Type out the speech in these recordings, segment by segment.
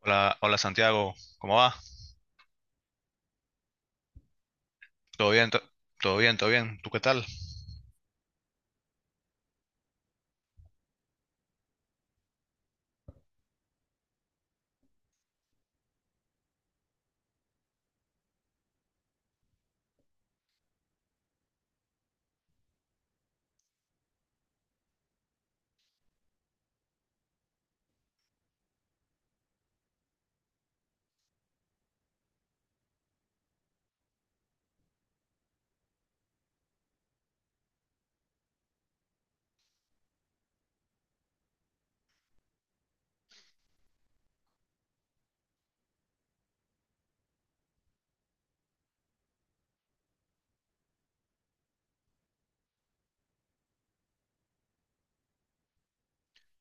Hola, hola Santiago, ¿cómo va? ¿Todo bien? to- ¿Todo bien? ¿Todo bien? ¿Tú qué tal?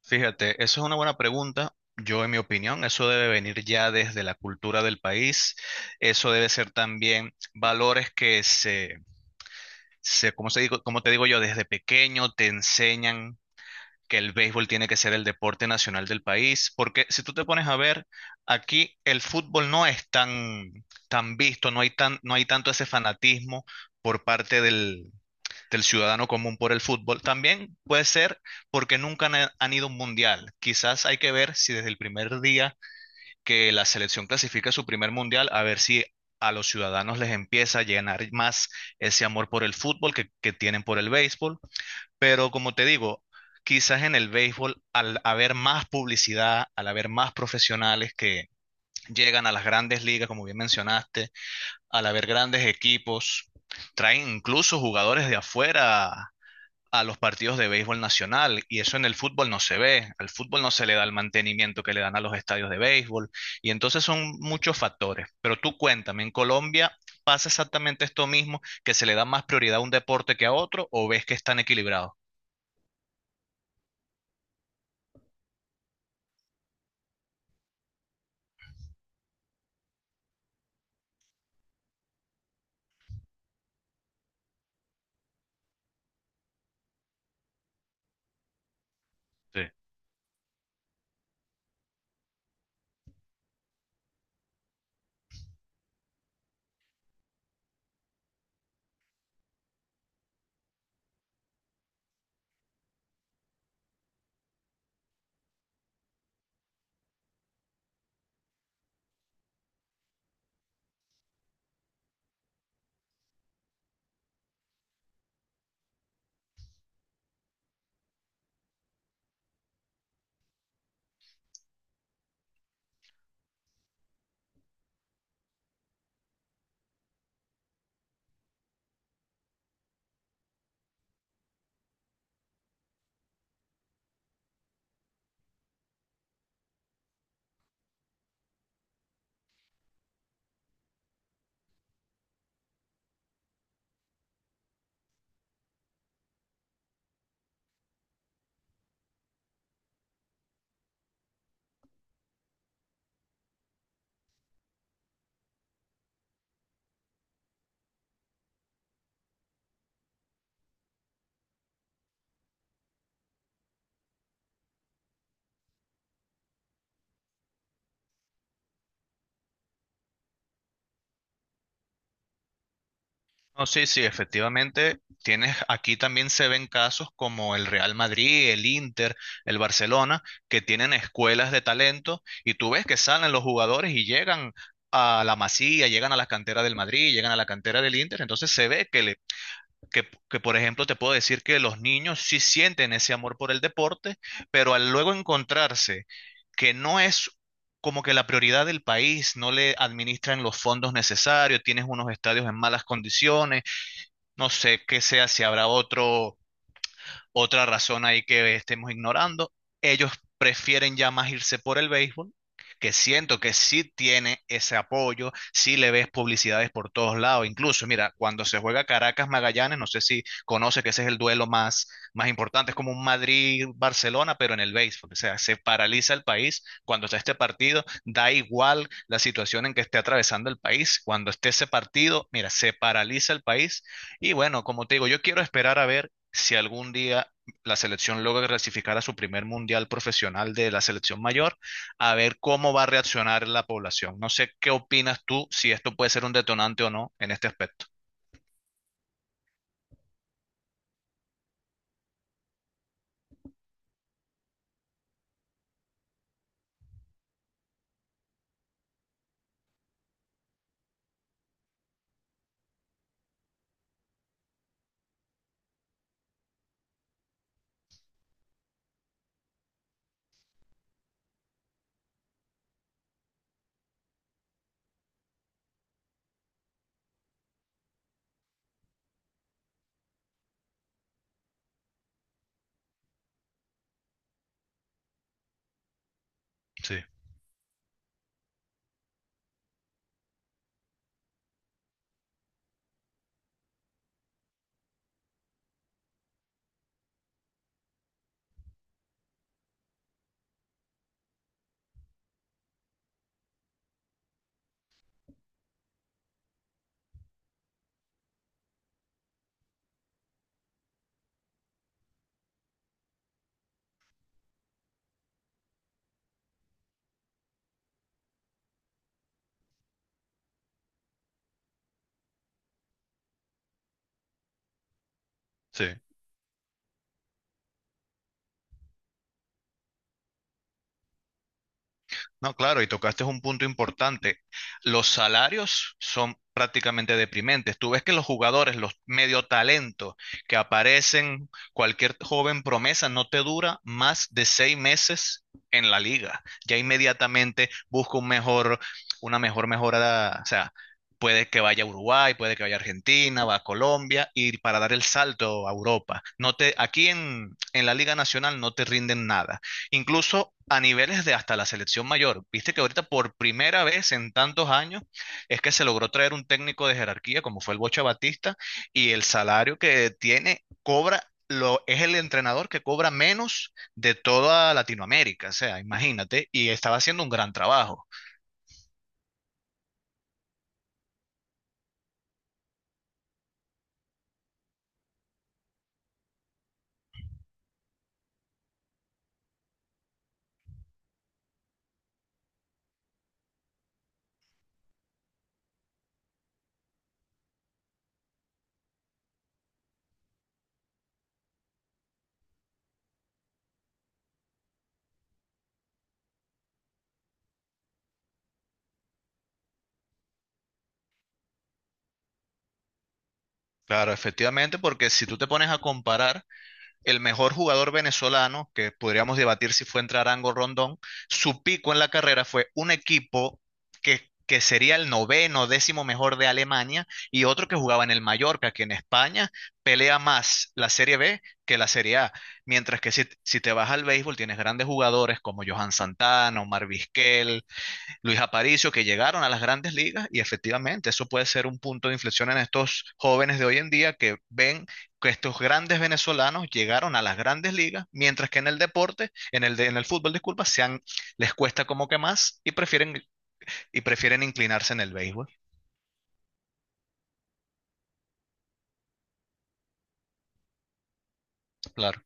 Fíjate, eso es una buena pregunta. Yo, en mi opinión, eso debe venir ya desde la cultura del país. Eso debe ser también valores que se, ¿cómo te digo yo? Desde pequeño te enseñan que el béisbol tiene que ser el deporte nacional del país. Porque si tú te pones a ver, aquí el fútbol no es tan visto, no hay tanto ese fanatismo por parte del ciudadano común por el fútbol. También puede ser porque nunca han ido a un mundial. Quizás hay que ver si desde el primer día que la selección clasifica su primer mundial, a ver si a los ciudadanos les empieza a llenar más ese amor por el fútbol que tienen por el béisbol. Pero como te digo, quizás en el béisbol, al haber más publicidad, al haber más profesionales que llegan a las grandes ligas, como bien mencionaste, al haber grandes equipos, traen incluso jugadores de afuera a los partidos de béisbol nacional y eso en el fútbol no se ve, al fútbol no se le da el mantenimiento que le dan a los estadios de béisbol y entonces son muchos factores. Pero tú cuéntame, ¿en Colombia pasa exactamente esto mismo, que se le da más prioridad a un deporte que a otro o ves que están equilibrados? Sí. No, sí, sí, efectivamente. Tienes, aquí también se ven casos como el Real Madrid, el Inter, el Barcelona, que tienen escuelas de talento y tú ves que salen los jugadores y llegan a la Masía, llegan a la cantera del Madrid, llegan a la cantera del Inter. Entonces se ve que, por ejemplo, te puedo decir que los niños sí sienten ese amor por el deporte, pero al luego encontrarse que no es como que la prioridad del país, no le administran los fondos necesarios, tienes unos estadios en malas condiciones no sé qué sea, si habrá otro. Otra razón ahí que estemos ignorando, ellos prefieren ya más irse por el béisbol, que siento que sí tiene ese apoyo, sí le ves publicidades por todos lados. Incluso, mira, cuando se juega Caracas Magallanes, no sé si conoce que ese es el duelo más, más importante, es como un Madrid-Barcelona, pero en el béisbol. O sea, se paraliza el país cuando está este partido, da igual la situación en que esté atravesando el país. Cuando esté ese partido, mira, se paraliza el país. Y bueno, como te digo, yo quiero esperar a ver si algún día la selección logra clasificar a su primer mundial profesional de la selección mayor, a ver cómo va a reaccionar la población. No sé qué opinas tú, si esto puede ser un detonante o no en este aspecto. Sí, sí. No, claro, y tocaste un punto importante. Los salarios son prácticamente deprimentes. Tú ves que los jugadores, los medio talentos que aparecen, cualquier joven promesa, no te dura más de 6 meses en la liga. Ya inmediatamente busca un mejor, una mejor mejora, o sea, puede que vaya a Uruguay, puede que vaya a Argentina, va a Colombia, y para dar el salto a Europa. No te, aquí en la Liga Nacional no te rinden nada incluso a niveles de hasta la selección mayor. Viste que ahorita por primera vez en tantos años es que se logró traer un técnico de jerarquía como fue el Bocha Batista y el salario que tiene cobra lo es el entrenador que cobra menos de toda Latinoamérica, o sea, imagínate, y estaba haciendo un gran trabajo. Claro, efectivamente, porque si tú te pones a comparar el mejor jugador venezolano, que podríamos debatir si fue entre Arango o Rondón, su pico en la carrera fue un equipo que sería el noveno, décimo mejor de Alemania y otro que jugaba en el Mallorca, que en España pelea más la Serie B que la Serie A. Mientras que si, si te vas al béisbol, tienes grandes jugadores como Johan Santana, Omar Vizquel, Luis Aparicio, que llegaron a las grandes ligas y efectivamente eso puede ser un punto de inflexión en estos jóvenes de hoy en día que ven que estos grandes venezolanos llegaron a las grandes ligas, mientras que en el deporte, en el, en el fútbol, disculpa, les cuesta como que más y prefieren inclinarse en el béisbol. Claro.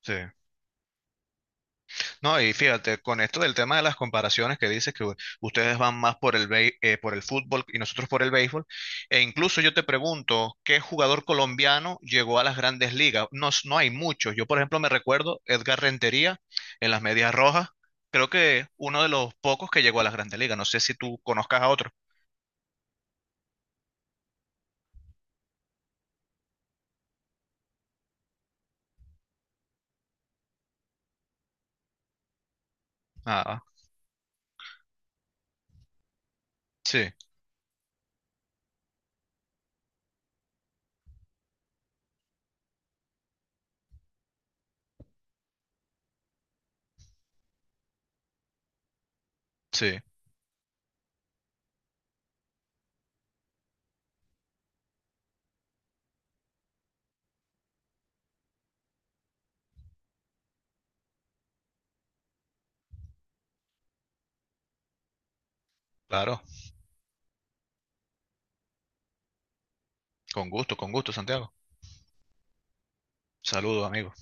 Sí. No, y fíjate, con esto del tema de las comparaciones que dices que ustedes van más por el fútbol y nosotros por el béisbol, e incluso yo te pregunto, ¿qué jugador colombiano llegó a las grandes ligas? No, no hay muchos. Yo, por ejemplo, me recuerdo Edgar Rentería en las Medias Rojas, creo que uno de los pocos que llegó a las grandes ligas. No sé si tú conozcas a otro. Ah, sí, sí, claro. Con gusto, Santiago. Saludos, amigo.